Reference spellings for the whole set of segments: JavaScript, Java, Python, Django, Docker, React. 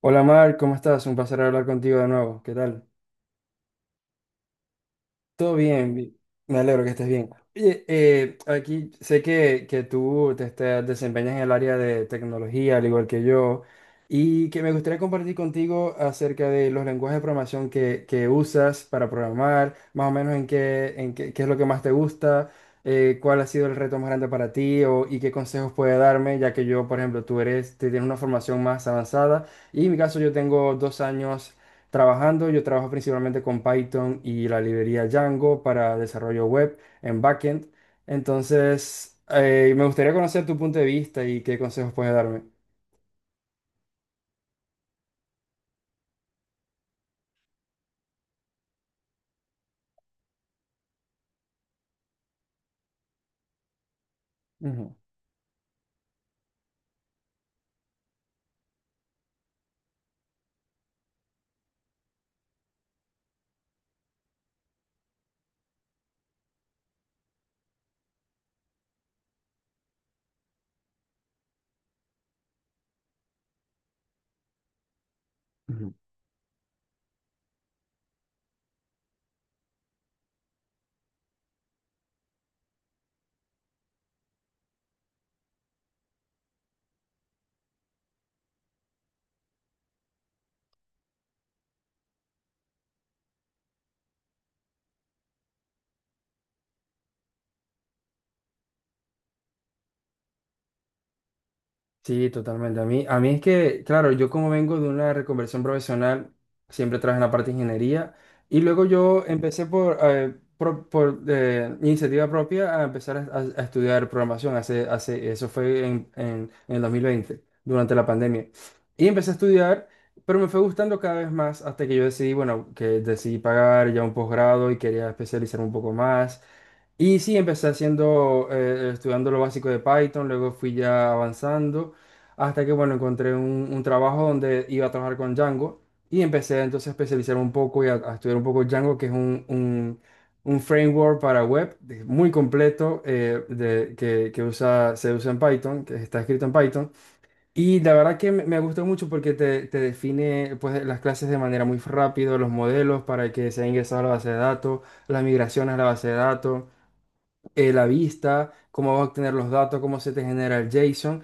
Hola Mar, ¿cómo estás? Un placer hablar contigo de nuevo. ¿Qué tal? Todo bien, me alegro que estés bien. Oye, aquí sé que tú desempeñas en el área de tecnología, al igual que yo, y que me gustaría compartir contigo acerca de los lenguajes de programación que usas para programar, más o menos en qué, qué es lo que más te gusta, cuál ha sido el reto más grande para ti o, y qué consejos puede darme, ya que yo, por ejemplo, tú eres, te tienes una formación más avanzada. Y en mi caso yo tengo dos años trabajando. Yo trabajo principalmente con Python y la librería Django para desarrollo web en backend. Entonces, me gustaría conocer tu punto de vista y qué consejos puedes darme. Ujú. Ujú. Sí, totalmente. A mí es que, claro, yo como vengo de una reconversión profesional, siempre trabajé en la parte de ingeniería y luego yo empecé por iniciativa propia a empezar a estudiar programación. Eso fue en, en el 2020, durante la pandemia. Y empecé a estudiar, pero me fue gustando cada vez más hasta que yo decidí, bueno, que decidí pagar ya un posgrado y quería especializar un poco más. Y sí, empecé haciendo, estudiando lo básico de Python, luego fui ya avanzando. Hasta que, bueno, encontré un trabajo donde iba a trabajar con Django y empecé entonces a especializar un poco y a estudiar un poco Django, que es un framework para web muy completo que usa, se usa en Python, que está escrito en Python. Y la verdad que me gustó mucho porque te define pues, las clases de manera muy rápido, los modelos para que sean ingresados a la base de datos, las migraciones a la base de datos la vista, cómo va a obtener los datos, cómo se te genera el JSON.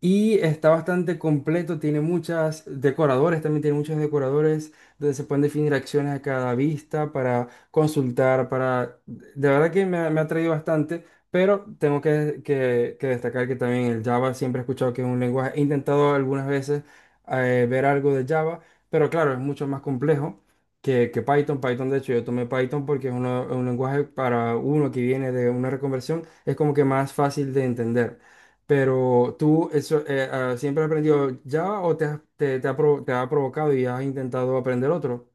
Y está bastante completo, tiene muchas decoradores, también tiene muchos decoradores donde se pueden definir acciones a cada vista para consultar, para... De verdad que me ha traído bastante, pero tengo que destacar que también el Java siempre he escuchado que es un lenguaje, he intentado algunas veces ver algo de Java, pero claro, es mucho más complejo que Python. Python, de hecho, yo tomé Python porque es un lenguaje para uno que viene de una reconversión, es como que más fácil de entender. Pero tú, eso, ¿siempre has aprendido Java o te ha provocado y has intentado aprender otro?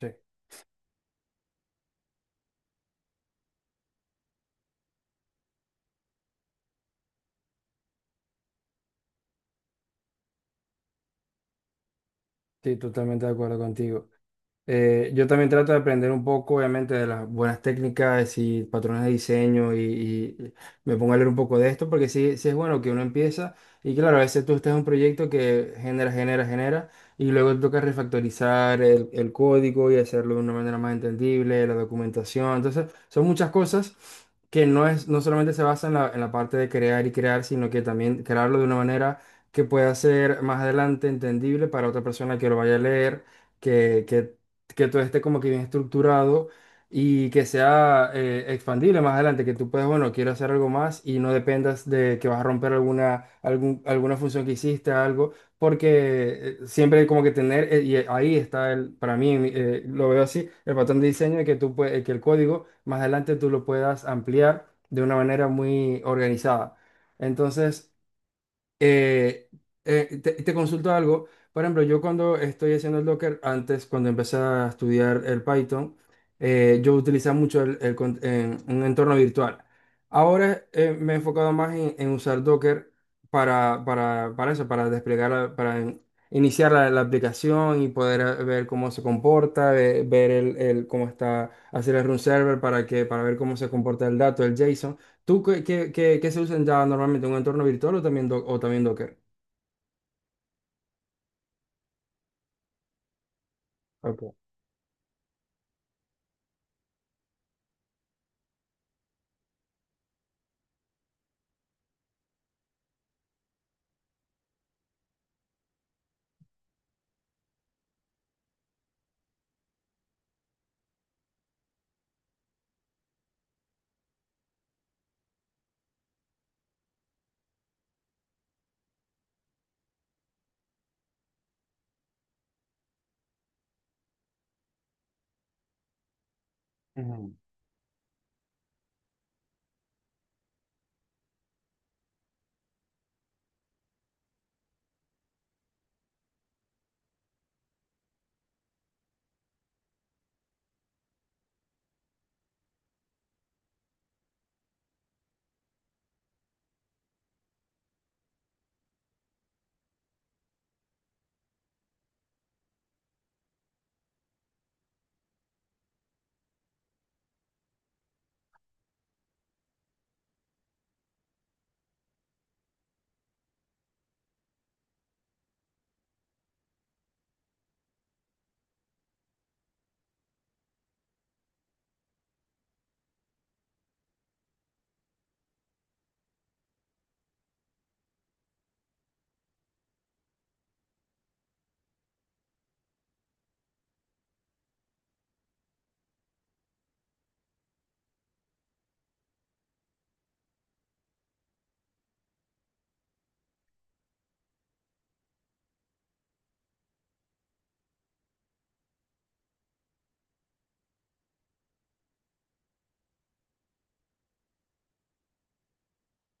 Sí, sí, totalmente de acuerdo contigo. Yo también trato de aprender un poco, obviamente, de las buenas técnicas y patrones de diseño y me pongo a leer un poco de esto porque sí, sí es bueno que uno empieza y claro, a veces tú estás en un proyecto que genera y luego toca refactorizar el código y hacerlo de una manera más entendible, la documentación. Entonces, son muchas cosas que no es, no solamente se basa en la parte de crear y crear, sino que también crearlo de una manera que pueda ser más adelante entendible para otra persona que lo vaya a leer que, que que todo esté como que bien estructurado y que sea expandible más adelante, que tú puedas, bueno, quiero hacer algo más y no dependas de que vas a romper alguna función que hiciste, algo, porque siempre como que tener, y ahí está el, para mí, lo veo así, el patrón de diseño de que que el código más adelante tú lo puedas ampliar de una manera muy organizada. Entonces, eh, te consulto algo. Por ejemplo, yo cuando estoy haciendo el Docker, antes cuando empecé a estudiar el Python, yo utilizaba mucho en un entorno virtual. Ahora me he enfocado más en usar Docker para eso, para desplegar, para iniciar la aplicación y poder ver cómo se comporta, ver, cómo está, hacer el run server para que, para ver cómo se comporta el dato, el JSON. ¿Tú qué se usan ya normalmente? ¿Un entorno virtual o también, o también Docker? Ok.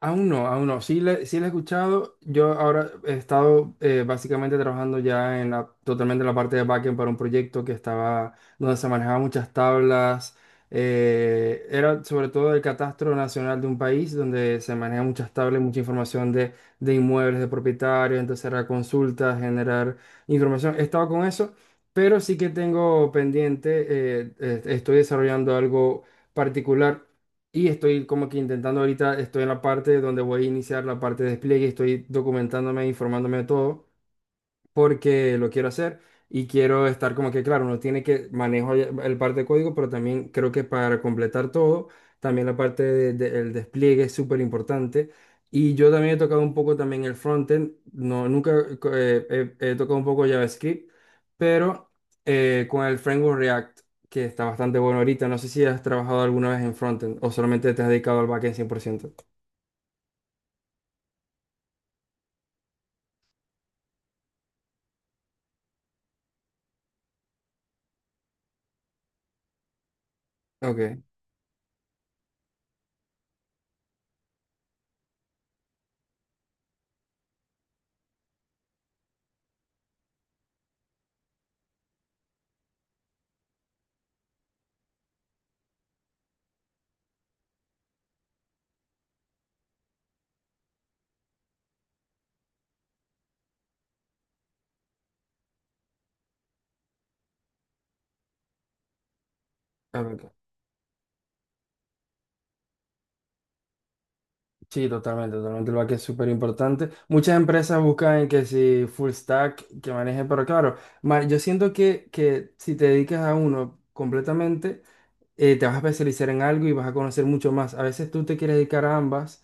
Aún no, aún no. Sí, sí la he escuchado. Yo ahora he estado básicamente trabajando ya en totalmente en la parte de backend para un proyecto que estaba, donde se manejaban muchas tablas. Era sobre todo el catastro nacional de un país donde se manejan muchas tablas, mucha información de inmuebles, de propietarios. Entonces era consultas, generar información. He estado con eso, pero sí que tengo pendiente, estoy desarrollando algo particular. Y estoy como que intentando ahorita, estoy en la parte donde voy a iniciar la parte de despliegue, estoy documentándome, informándome de todo porque lo quiero hacer y quiero estar como que, claro, uno tiene que manejo ya el parte de código, pero también creo que para completar todo, también la parte del despliegue es súper importante. Y yo también he tocado un poco también el frontend, no, nunca he tocado un poco JavaScript, pero con el framework React, que está bastante bueno ahorita, no sé si has trabajado alguna vez en frontend o solamente te has dedicado al backend cien por ciento. Ok, ok. Sí, totalmente, totalmente. El back es súper importante. Muchas empresas buscan que si full stack que maneje, pero claro, yo siento que si te dedicas a uno completamente, te vas a especializar en algo y vas a conocer mucho más. A veces tú te quieres dedicar a ambas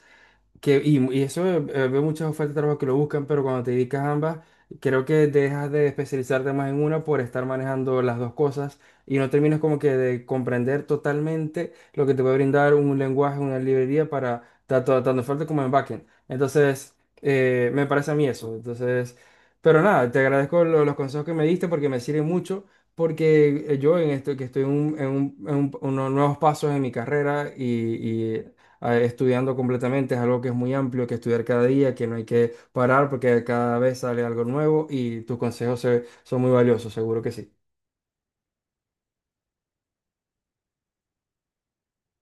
que, y eso, veo muchas ofertas de trabajo que lo buscan, pero cuando te dedicas a ambas, creo que dejas de especializarte más en una por estar manejando las dos cosas y no terminas como que de comprender totalmente lo que te puede brindar un lenguaje, una librería para tanto, tanto fuerte como en backend. Entonces, me parece a mí eso. Entonces, pero nada, te agradezco los consejos que me diste porque me sirven mucho. Porque yo en esto que estoy en unos nuevos pasos en mi carrera y estudiando completamente, es algo que es muy amplio, que estudiar cada día, que no hay que parar porque cada vez sale algo nuevo y tus consejos son muy valiosos, seguro que sí.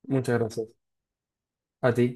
Muchas gracias. A ti.